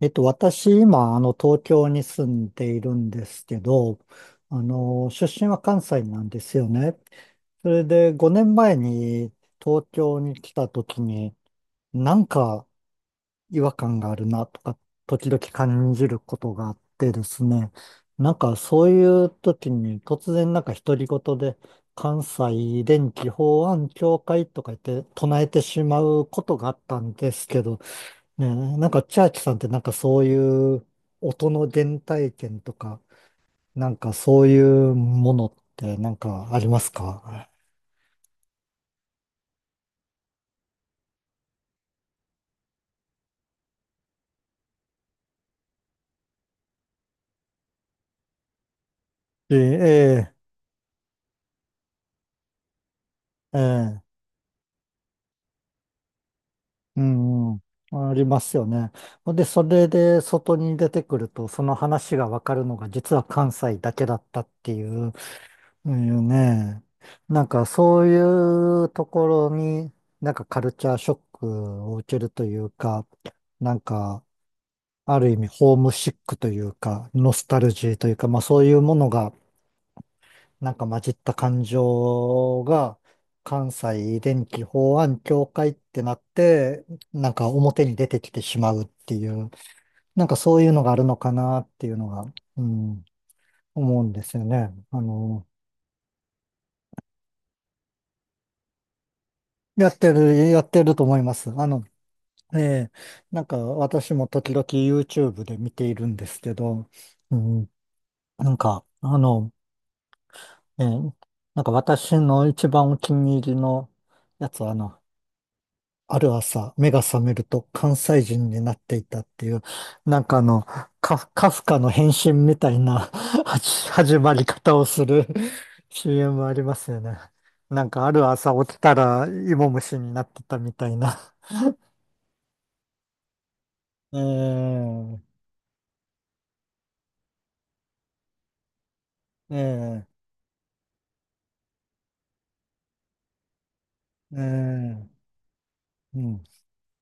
私、今、東京に住んでいるんですけど、出身は関西なんですよね。それで、5年前に東京に来た時に、なんか違和感があるなとか、時々感じることがあってですね、なんかそういう時に突然なんか独り言で、関西電気法案協会とか言って唱えてしまうことがあったんですけど、ねえ、なんかチャーチさんってなんかそういう音の原体験とか、なんかそういうものってなんかありますか？ええ、ええ、ええ、うん、うん。ありますよね。で、それで外に出てくると、その話がわかるのが実は関西だけだったっていう、うんね。なんかそういうところになんかカルチャーショックを受けるというか、なんか、ある意味ホームシックというか、ノスタルジーというか、まあそういうものが、なんか混じった感情が、関西電気法案協会ってなって、なんか表に出てきてしまうっていう、なんかそういうのがあるのかなっていうのが、うん、思うんですよね。やってる、やってると思います。ええ、なんか私も時々 YouTube で見ているんですけど、うん、なんか、ええ、なんか私の一番お気に入りのやつは、ある朝、目が覚めると関西人になっていたっていう、なんかカフカの変身みたいな 始まり方をする CM ありますよね。なんかある朝起きたら芋虫になってたみたいな。ええええええ、うん。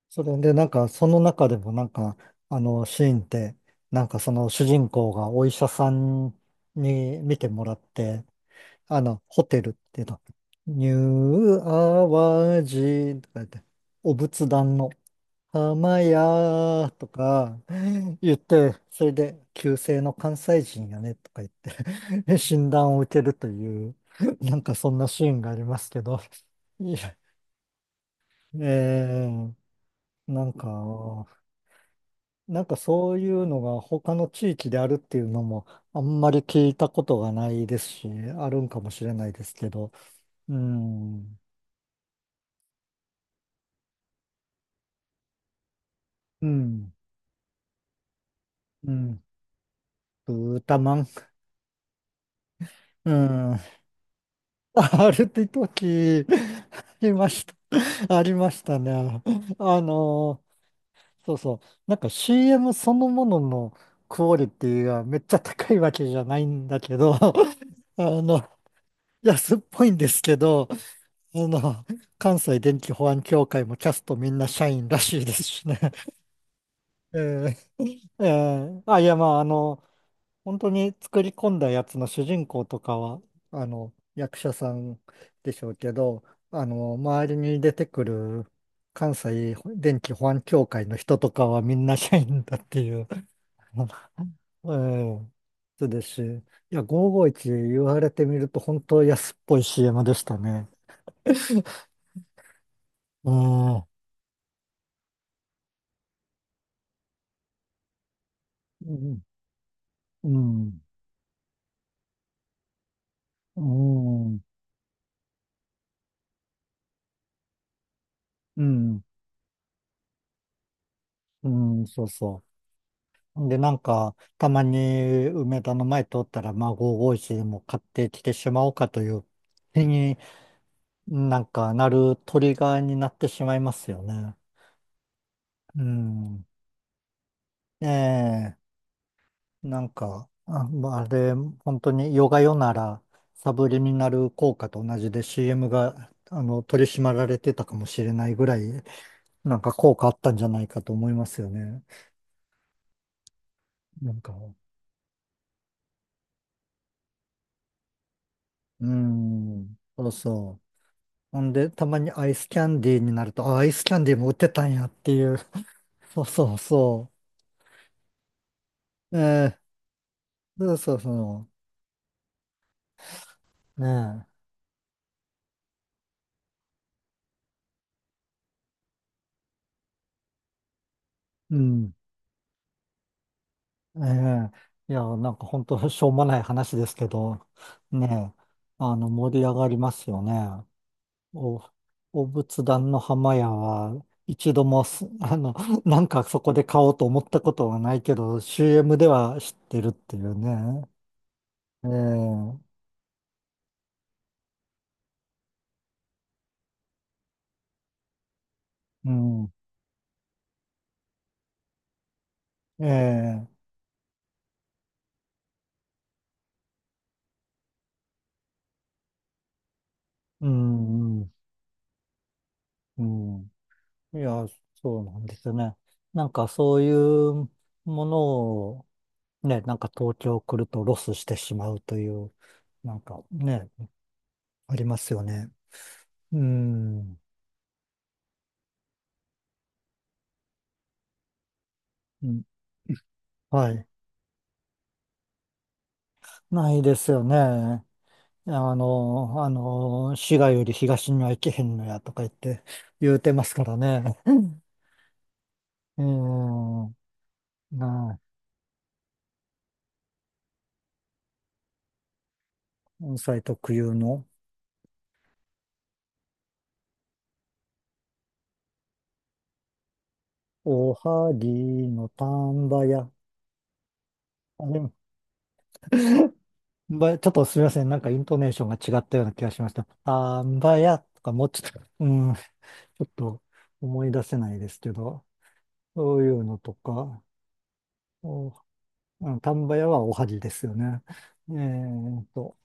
それで、なんか、その中でも、なんか、シーンって、なんか、その主人公がお医者さんに見てもらって、ホテルっていうの、ニューアワジとか言って、お仏壇の浜屋とか言って、それで、旧姓の関西人やねとか言って 診断を受けるという、なんか、そんなシーンがありますけど、いや、えー、なんか、そういうのが他の地域であるっていうのもあんまり聞いたことがないですし、あるんかもしれないですけど、うん、うん、うん、ブータマン、うん、あるって時、ありました。ありましたね。あの、そうそう、なんか CM そのもののクオリティがめっちゃ高いわけじゃないんだけど、の、安っぽいんですけど、あの、関西電気保安協会もキャストみんな社員らしいですしね。えええーあ、いや、まあ、本当に作り込んだやつの主人公とかは、役者さんでしょうけど、周りに出てくる関西電気保安協会の人とかはみんな社員だっていう、ええ。そうですし、いや、551言われてみると本当安っぽい CM でしたね。うん。うん。うんうん、うん、うん、そうそう。で、なんか、たまに梅田の前通ったら、まあ、551でも買ってきてしまおうかという気になんかなるトリガーになってしまいますよね。うん。ええ、なんか、あ、まああれ、本当にヨガヨなら、サブリミナル効果と同じで CM が、取り締まられてたかもしれないぐらい、なんか効果あったんじゃないかと思いますよね。なんか。うーん、そうそう。ほんで、たまにアイスキャンディーになると、あ、アイスキャンディーも売ってたんやっていう。そうそうそう。えー、そうそうそう。ねえ、うん。ええ。いや、なんか本当しょうもない話ですけど、ねえ、盛り上がりますよね。お、お仏壇の浜屋は、一度もす、なんかそこで買おうと思ったことはないけど、CM では知ってるっていうね。ええ。うん。ええ、うん、うん、うん。いや、そうなんですよね。なんかそういうものを、ね、なんか東京来るとロスしてしまうという、なんかね、ありますよね。うん、うん、はい。ないですよね。滋賀より東には行けへんのやとか言って言うてますからね。うん、なあ、関西特有の、おはぎの丹波屋あでば、ちょっとすみません。なんかイントネーションが違ったような気がしました。あー、ばやとかもうちょっと、うん、ちょっと思い出せないですけど、そういうのとか、お、うん、丹波屋はおはぎですよね。えーと、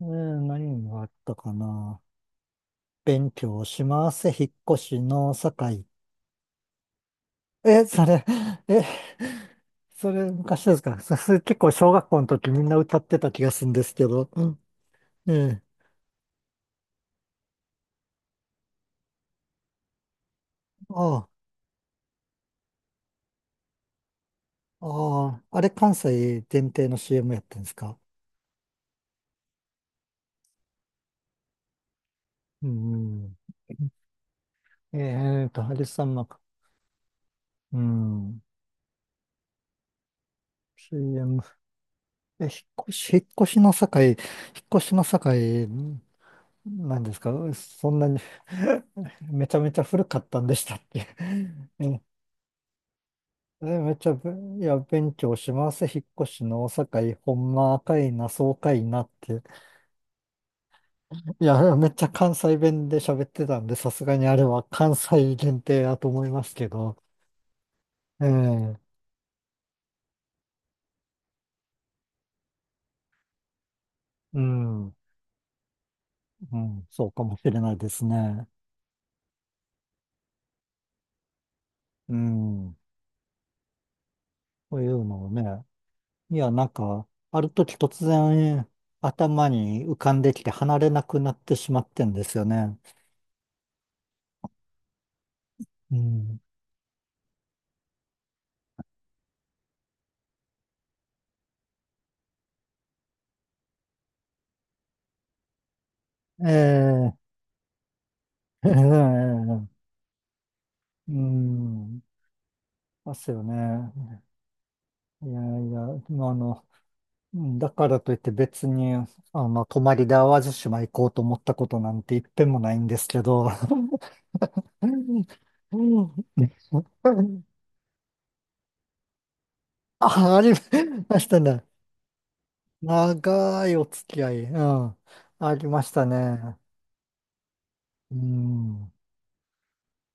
何があったかな。勉強します。引っ越しの境。え、それ、え、それ昔ですかそれ結構小学校の時みんな歌ってた気がするんですけど。うん、ええ。ああ。ああ、あれ関西限定の CM やってんですか？うん。ハリさん幕。うん。CM。え、引っ越し、引っ越しの境、引っ越しの境、んなんですかそんなに めちゃめちゃ古かったんでしたっけ？ え、えめっちゃぶ、いや、勉強します。引っ越しの境、ほんま赤いな、爽快なって。いや、めっちゃ関西弁で喋ってたんで、さすがにあれは関西限定だと思いますけど。ええ、うん、うん、そうかもしれないですね。うん、そういうのをね。いや、なんか、ある時突然頭に浮かんできて離れなくなってしまってんですよね。うん、ええ、ええ、うん、ますよね。いやいや、まあうんだからといって別に、泊まりで淡路島行こうと思ったことなんて一遍もないんですけど、うんうんあ、ありましたね。長いお付き合い。うん。ありましたね。うん。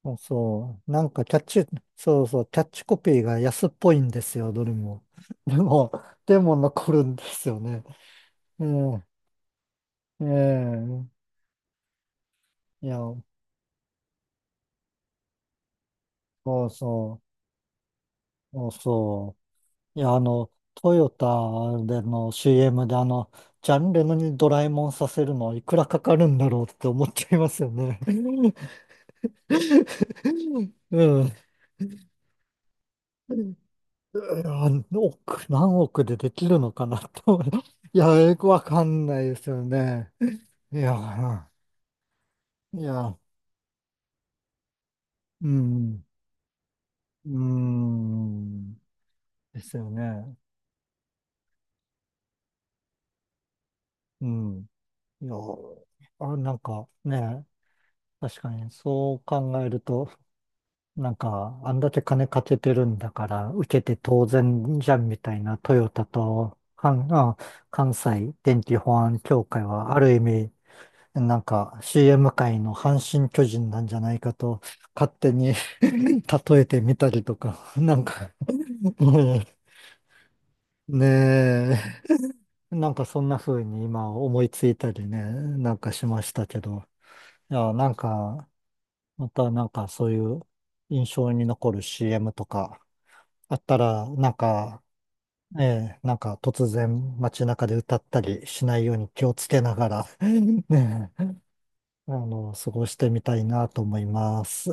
そうそう。なんかキャッチ、そうそう、キャッチコピーが安っぽいんですよ、どれも。でも、でも、残るんですよね。うん。ええ。いや、そうそう。そうそう。いや、トヨタでの CM でジャンレノにドラえもんさせるのいくらかかるんだろうって思っちゃいますよね。うん。うん。億、何億でできるのかなと思う。いや、よくわかんないですよね。いや、いや、うん、うん、ですよね。うん。いや、あ、なんかね、確かにそう考えると、なんか、あんだけ金かけてるんだから、受けて当然じゃんみたいなトヨタと、関西電気保安協会は、ある意味、なんか CM 界の阪神巨人なんじゃないかと勝手に 例えてみたりとか、なんかうん ねえ、なんかそんな風に今思いついたりね、なんかしましたけど、いや、なんか、またなんかそういう印象に残る CM とかあったら、なんか、ええ、なんか突然街中で歌ったりしないように気をつけながら、ねえ、過ごしてみたいなと思います。